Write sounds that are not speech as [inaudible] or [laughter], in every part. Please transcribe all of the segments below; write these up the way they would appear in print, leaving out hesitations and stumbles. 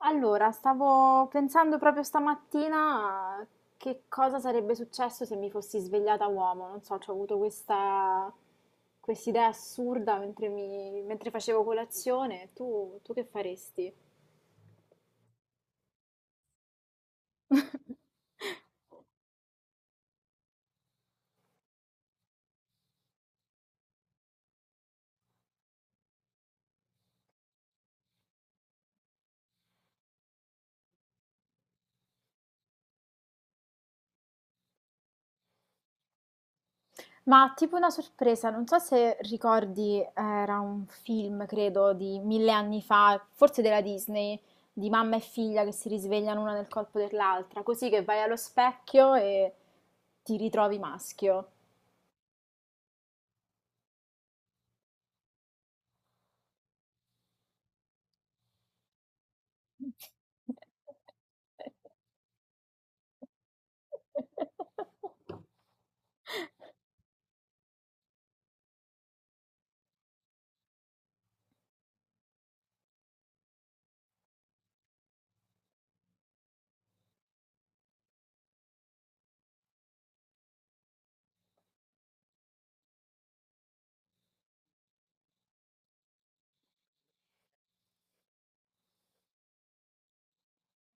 Allora, stavo pensando proprio stamattina a che cosa sarebbe successo se mi fossi svegliata uomo. Non so, ho avuto questa idea assurda mentre, mentre facevo colazione. Tu che faresti? [laughs] Ma tipo una sorpresa, non so se ricordi, era un film, credo, di mille anni fa, forse della Disney, di mamma e figlia che si risvegliano una nel corpo dell'altra, così che vai allo specchio e ti ritrovi maschio.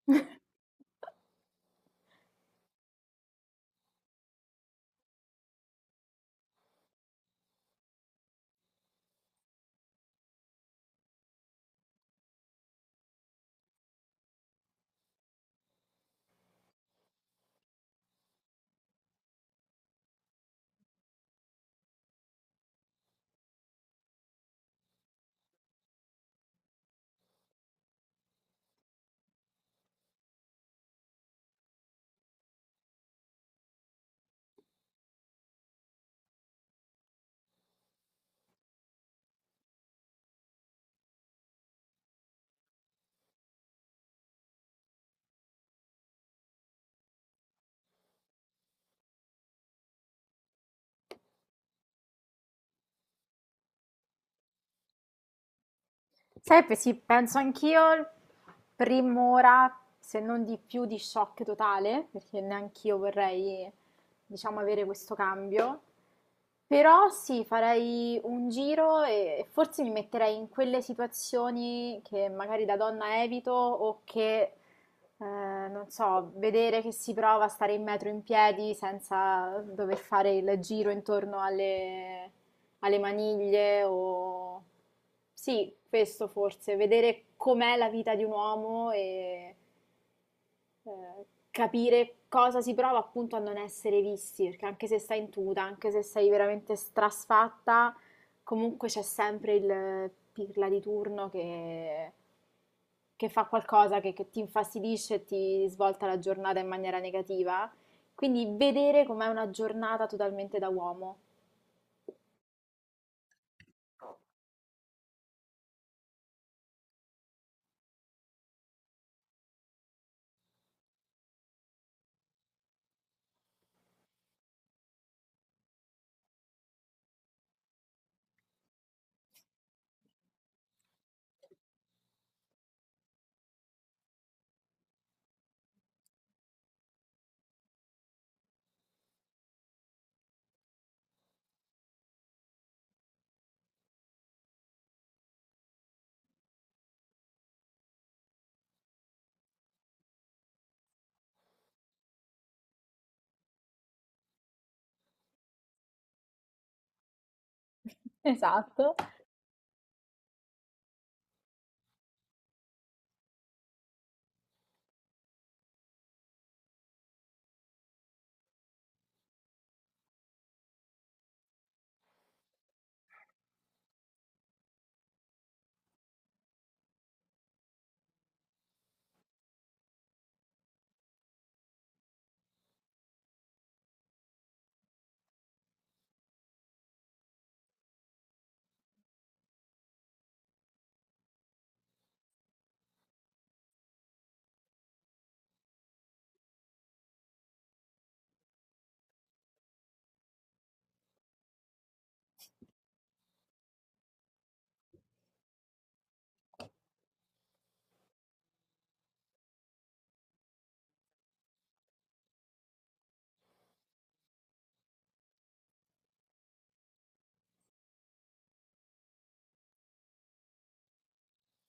[laughs] Sai, sì, penso anch'io, prim'ora, se non di più, di shock totale, perché neanch'io vorrei, diciamo, avere questo cambio. Però sì, farei un giro e forse mi metterei in quelle situazioni che magari da donna evito o che, eh, non so, vedere che si prova a stare in metro in piedi senza dover fare il giro intorno alle maniglie o... Sì, questo forse, vedere com'è la vita di un uomo e capire cosa si prova appunto a non essere visti, perché anche se stai in tuta, anche se sei veramente strasfatta, comunque c'è sempre il pirla di turno che fa qualcosa che ti infastidisce e ti svolta la giornata in maniera negativa. Quindi vedere com'è una giornata totalmente da uomo. [laughs] Esatto.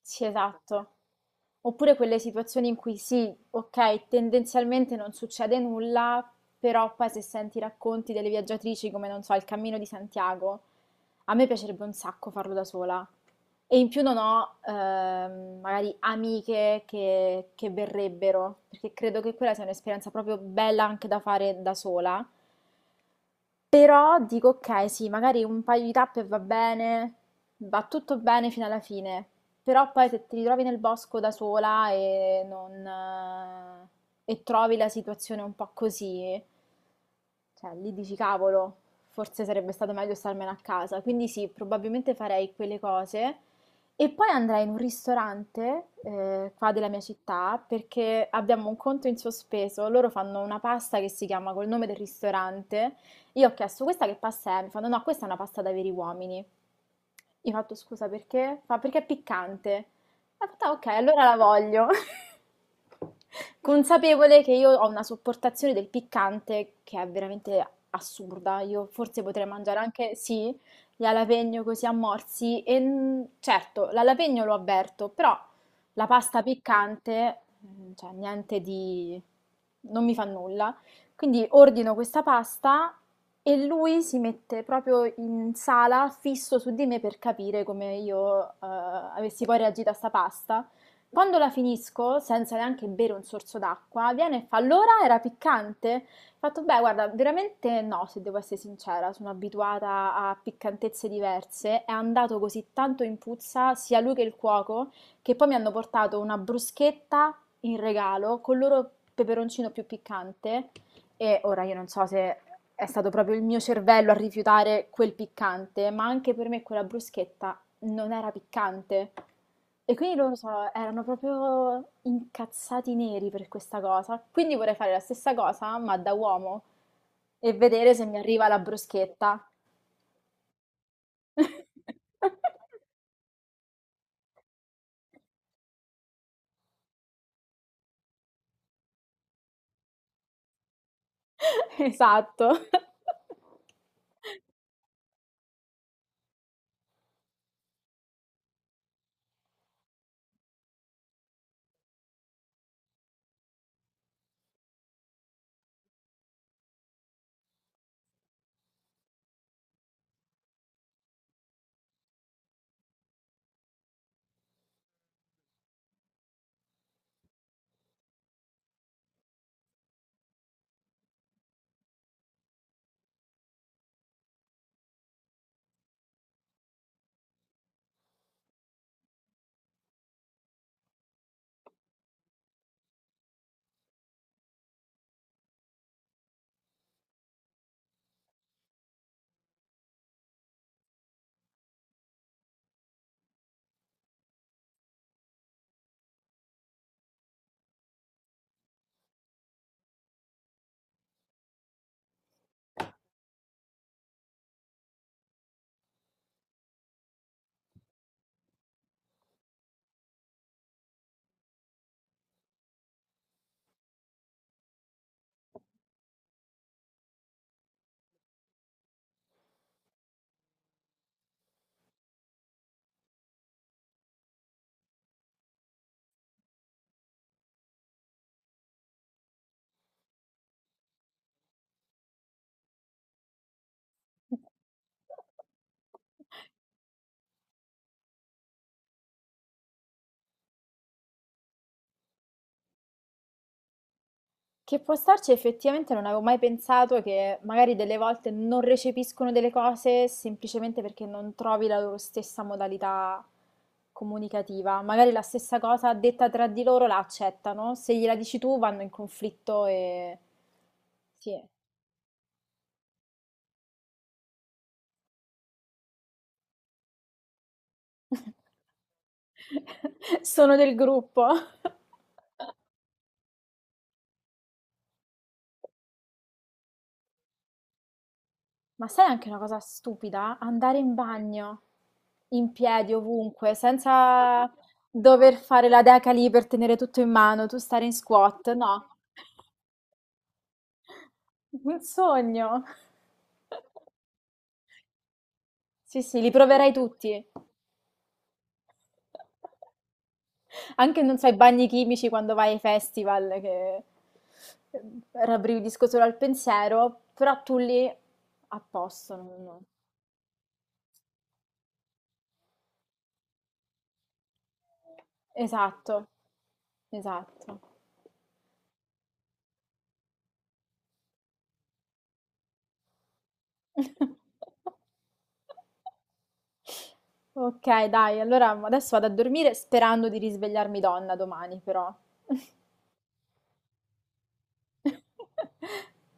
Sì, esatto. Oppure quelle situazioni in cui sì, ok, tendenzialmente non succede nulla, però poi se senti i racconti delle viaggiatrici, come non so, il Cammino di Santiago, a me piacerebbe un sacco farlo da sola. E in più non ho magari amiche che verrebbero, perché credo che quella sia un'esperienza proprio bella anche da fare da sola. Però dico: "Okay, sì, magari un paio di tappe va bene, va tutto bene fino alla fine". Però poi se ti ritrovi nel bosco da sola e non e trovi la situazione un po' così, cioè lì dici: "Cavolo, forse sarebbe stato meglio starmene a casa". Quindi sì, probabilmente farei quelle cose e poi andrei in un ristorante, qua della mia città, perché abbiamo un conto in sospeso. Loro fanno una pasta che si chiama col nome del ristorante. Io ho chiesto: questa che pasta è? Mi fanno: no, no, questa è una pasta da veri uomini. Io ho fatto: scusa perché? Fa: perché è piccante. E ho fatto: "Ah, ok, allora la voglio". [laughs] Consapevole che io ho una sopportazione del piccante che è veramente assurda. Io forse potrei mangiare anche, sì, gli alapegno così a morsi. E certo, l'alapegno lo avverto, però la pasta piccante, mm, cioè niente di... non mi fa nulla. Quindi ordino questa pasta e lui si mette proprio in sala, fisso su di me per capire come io avessi poi reagito a sta pasta. Quando la finisco, senza neanche bere un sorso d'acqua, viene e fa: allora era piccante? Ho fatto: beh, guarda, veramente no, se devo essere sincera, sono abituata a piccantezze diverse. È andato così tanto in puzza, sia lui che il cuoco, che poi mi hanno portato una bruschetta in regalo con il loro peperoncino più piccante. E ora io non so se è stato proprio il mio cervello a rifiutare quel piccante, ma anche per me quella bruschetta non era piccante. E quindi loro so, erano proprio incazzati neri per questa cosa. Quindi vorrei fare la stessa cosa, ma da uomo, e vedere se mi arriva la bruschetta. [laughs] Esatto. [laughs] Che può starci. Effettivamente non avevo mai pensato che magari delle volte non recepiscono delle cose semplicemente perché non trovi la loro stessa modalità comunicativa. Magari la stessa cosa detta tra di loro la accettano, se gliela dici tu vanno in conflitto e... Sì. [laughs] Sono del gruppo. [laughs] Ma sai anche una cosa stupida? Andare in bagno in piedi ovunque, senza dover fare la deca lì per tenere tutto in mano, tu stare in squat, no. Un sogno. Sì, sì, li proverai tutti. Anche, non so, i bagni chimici quando vai ai festival, che eh, rabbrividisco solo al pensiero, però tu lì a posto. Esatto, esatto. Okay, dai, allora adesso vado a dormire sperando di risvegliarmi donna domani però. [laughs]